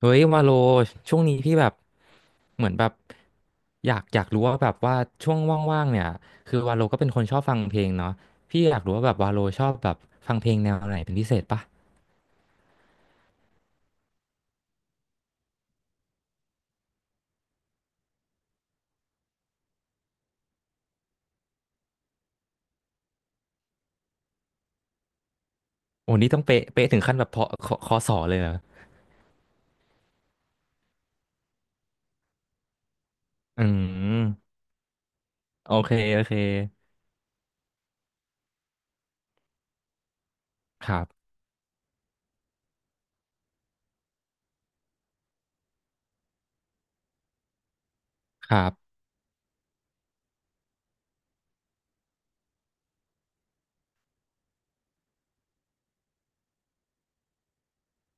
เฮ้ยวาโลช่วงนี้พี่แบบเหมือนแบบอยากรู้ว่าแบบว่าช่วงว่างๆเนี่ยคือวาโลก็เป็นคนชอบฟังเพลงเนาะพี่อยากรู้ว่าแบบวาโลชอบแบบฟังเพลงแนวไหนเป็นพิเศษปะโอ้นี่ต้องเป๊ะเป๊ะถึงขั้นแบบพอคคอสอเลยเหรออืมโอเคโอเคครับครับ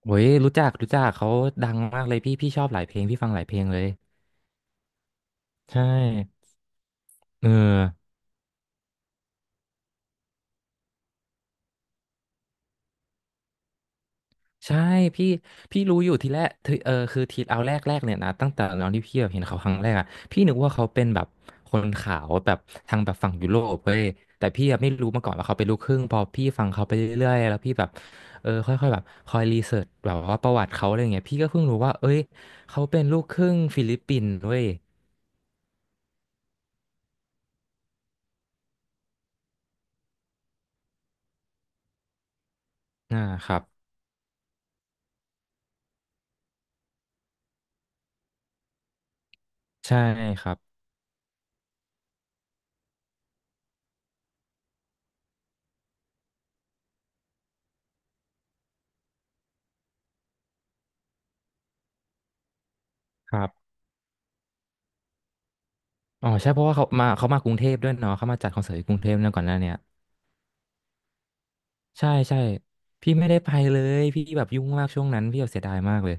เฮ้ยรู้จักรู้จักเขาดังมากเลยพี่ชอบหลายเพลงพี่ฟังหลายเพลงเลยใช่เออ ใช่พี่พี่รู้อยู่ทีแรกทีเอาแรกแรกเนี่ยนะตั้งแต่ตอนที่พี่แบบเห็นเขาครั้งแรกอะพี่นึกว่าเขาเป็นแบบคนขาวแบบทางแบบฝั่งยุโรปเว้ยแต่พี่อะไม่รู้มาก่อนว่าเขาเป็นลูกครึ่งพอพี่ฟังเขาไปเรื่อยๆแล้วพี่แบบเออค่อยๆแบบคอยรีเสิร์ชแบบว่าประวัติเขาอะไรเงี้ยพี่ก็เพิ่งรู้ว่าเอ้ยเขาเป็นลูกครึ่งฟิลิปปินส์เว้ยอ่าครับใช่ครับครับอ๋อใช่เพราะว่าเขามากรุงเทพด้วยเนาะเขามาจัดคอนเสิร์ตที่กรุงเทพเนี่ยก่อนหน้าเนี้ย ใช่ใช่พี่ไม่ได้ไปเลยพี่แบบยุ่งมากช่วงนั้นพี่แบบเสียดายมากเลย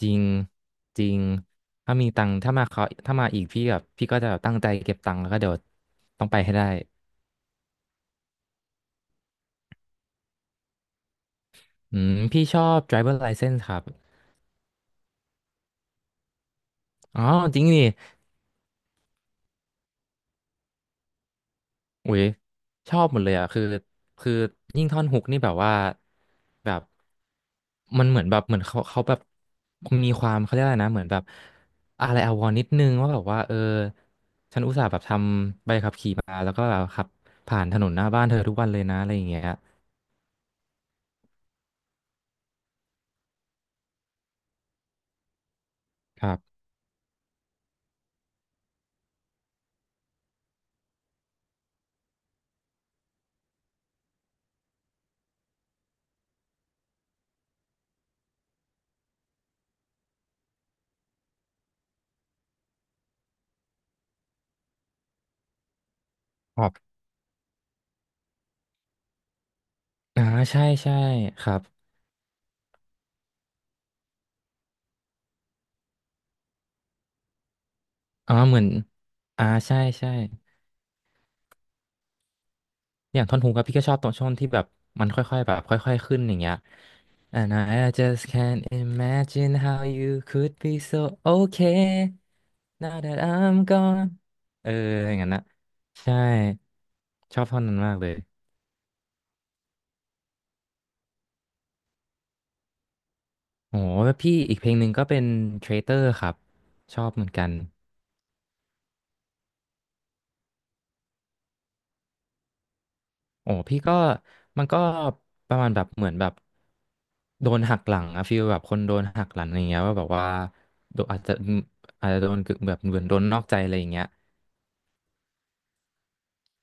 จริงจริงถ้ามีตังค์ถ้ามาเขาถ้ามาอีกพี่แบบพี่ก็จะแบบตั้งใจเก็บตังค์แล้วก็เดี๋ยวต้องไปให้ได้อืมพี่ชอบ driver license ครับอ๋อจริงดิ อุ้ยชอบหมดเลยอ่ะคือยิ่งท่อนฮุกนี่แบบว่าแบบมันเหมือนแบบเหมือนเขาแบบมีความเขาเรียกอะไรนะเหมือนแบบอะไรอาวรณ์นิดนึงว่าแบบว่าเออฉันอุตส่าห์แบบทำใบขับขี่มาแล้วก็แบบขับผ่านถนนหน้าบ้านเธอทุกวันเลยนะอะไรอย่างเงี้ยครับครับอ่าใช่ใช่ครับอ่าเหมือนอ่าใช่ใช่ อย่างท่อนฮุกอะพี่ก็ชอบตรงช่วงที่แบบมันค่อยๆแบบค่อยๆขึ้นอย่างเงี้ย And I just can't imagine how you could be so okay now that I'm gone เอออย่างนั้นนะใช่ชอบท่อนนั้นมากเลยโหแล้วพี่อีกเพลงหนึ่งก็เป็น Traitor ครับชอบเหมือนกัน โอ้พี่ก็มันก็ประมาณแบบเหมือนแบบโดนหักหลังอะฟีลแบบคนโดนหักหลังอะไรเงี้ยว่าแบบว่าโดนอาจจะโดนกึ่งแบบเหมือนโดนนอกใจอะไรอย่างเงี้ย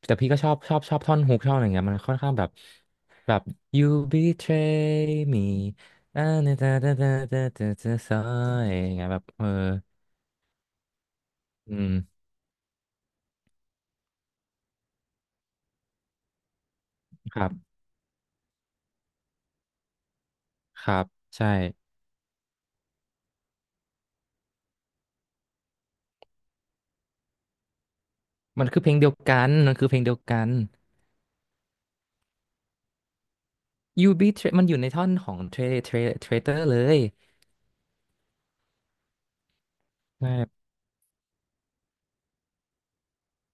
แต่พี่ก็ชอบชอบท่อนฮุกชอบอะไรเงี้ยมันค่อนข้างแบบแบบ you betray me อ่าเนตาตาตาตาตาตาซอยอย่างเงี้ยแบบเอออืมครับครับใช่มันคือเพลงเดียวกันมันคือเพลงเดียวกัน you betray มันอยู่ในท่อนของ traitor เลย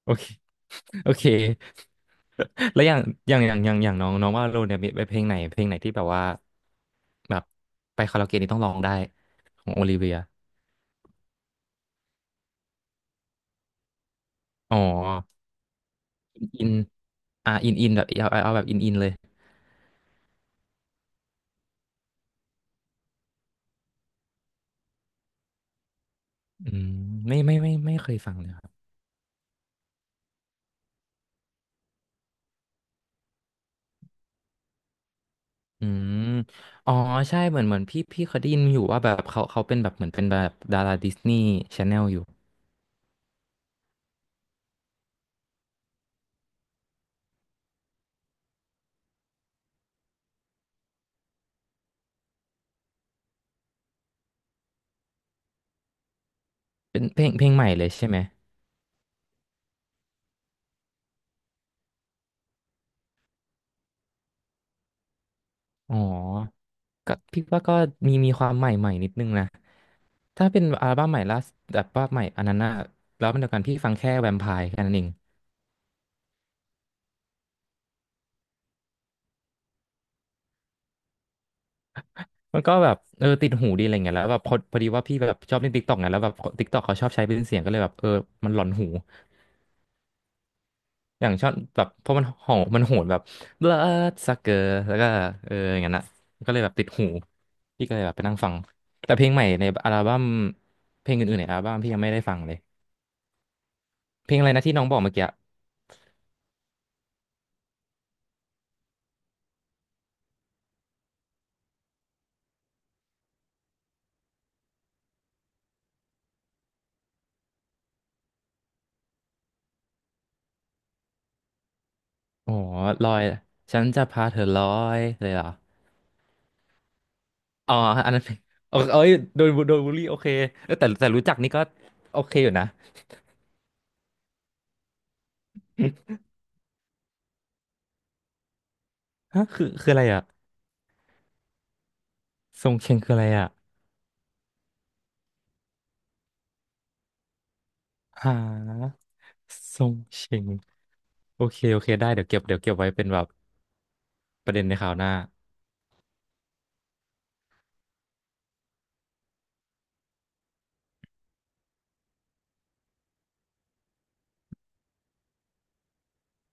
โอเค โอเคแล้วอย่างอย่างอย่างอย่างอย่างน้องน้องว่าโรเนี่ยมีไปเพลงไหนที่แบบว่าแบบไปคาราโอเกะนี่ต้องร้องได้ของโอลิเวียอ๋ออินอินแบบเอาแบบอินเลยอืมไม่เคยฟังเลยครับอืมอ๋อใช่เหมือนเหมือนพี่เคยได้ยินอยู่ว่าแบบเขาเป็นแบบเหมือนเป็นแบบดาราดิสนีย์ชาแนลอยู่เป็นเพลงใหม่เลยใช่ไหมอ๋อก็พี่ว่าก็มีมีความใหม่ใหม่นิดนึงนะ ถ้าเป็นอัลบั้มใหม่ล่าสุดแบบว่าใหม่อันนั้นน่ะแล้วมันเดียวกันพี่ฟังแค่แวมไพร์แค่นั้นเองมันก็แบบเออติดหูดีอะไรเงี้ยแล้วแบบพอพอดีว่าพี่แบบชอบเล่นติ๊กต็อกไงแล้วแบบติ๊กต็อกเขาชอบใช้เป็นเสียงก็เลยแบบเออมันหลอนหูอย่างชอบแบบเพราะมันหองมันโหนแบบ blood sucker แล้วก็เอออย่างนั้นน่ะก็เลยแบบติดหูพี่ก็เลยแบบไปนั่งฟังแต่เพลงใหม่ในอัลบั้มเพลงอื่นๆในอัลบั้มพี่ยังไม่ได้ฟังเลยเพลงอะไรนะที่น้องบอกเมื่อกี้อ๋อลอยฉันจะพาเธอลอยเลยเหรอ อ๋ออันนั้นเป็นโออเอ้ยโดนบูลลี่โอเคเออแต่แต่รู้จักนี่ก็โอเคอยู่นะฮะคืออะไรอ่ะทรงเชงคืออะไรอ่ะหาทรงเชงโอเคโอเคได้เดี๋ยวเก็บไว้เป็นแบบประเด็นในคราวหน้า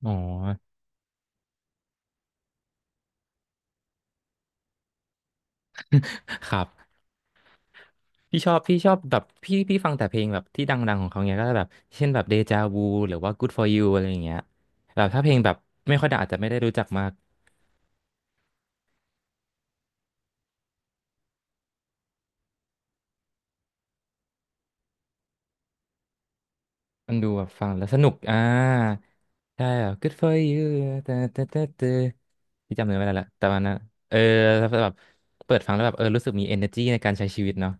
อ๋อ ครับ พี่ชอบพี่ชอบแบบพี่พี่ฟังแต่เพลงแบบที่ดังๆของเขาเนี้ยก็แบบเช่นแบบเดจาวูหรือว่า Good for You อะไรอย่างเงี้ยแบบถ้าเพลงแบบไม่ค่อยดังอาจจะไม่ได้รู้จักมาก มันดูแบบฟังแล้วสนุก อ่าใช่แบบ good for you แต่ที่จำเนื้อไม่ได้ละแต่มันนะเออแล้วแบบเปิดฟังแล้วแบบเออรู้สึกมี energy ในการใช้ชีวิตเนาะ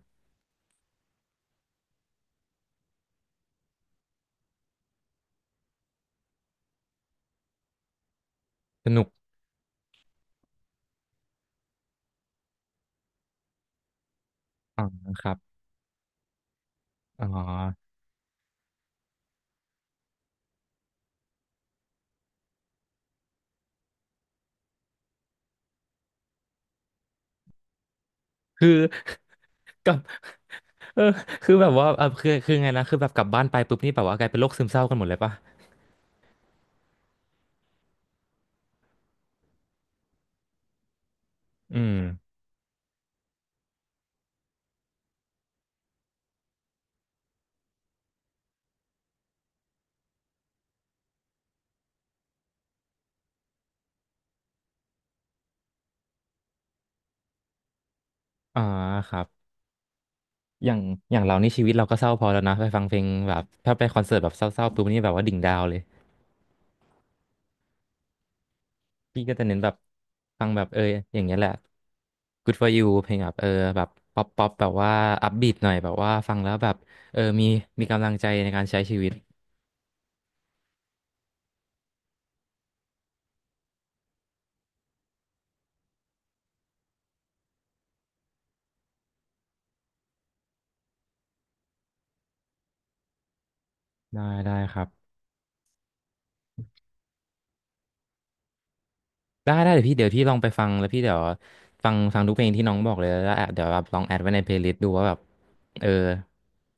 สนุกอ๋อครับอ๋อคือ กลับเออคือแบบว่าเออคือไงนะคือแบบกลับบ้านไปปุ๊บนี่แบบว่ากลายเป็นโรคซึมเศร้ากันหมดเลยปะอืมอ๋อครับอย่างอย่างเรานี่ชีวิตเราก็เศร้าพอแล้วนะไปฟังเพลงแบบถ้าไปคอนเสิร์ตแบบเศร้าๆปุ๊บนี่แบบว่าดิ่งดาวเลย พี่ก็จะเน้นแบบฟังแบบเอออย่างเงี้ยแหละ Good for you เพลงแบบเออแบบป๊อปแบบว่าอัพบีทหน่อยแบบว่าฟังแล้วแบบเออมีกำลังใจในการใช้ชีวิตได้ครับได้เดี๋ยวพี่ลองไปฟังแล้วพี่เดี๋ยวฟังทุกเพลงที่น้องบอกเลยแล้วแอบเดี๋ยวแบบลองแอดไว้ในเพลย์ลิสต์ดูว่าแบบเออ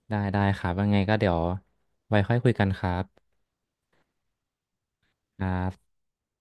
ได้ครับว่าไงก็เดี๋ยวไว้ค่อยคุยกันครับครับ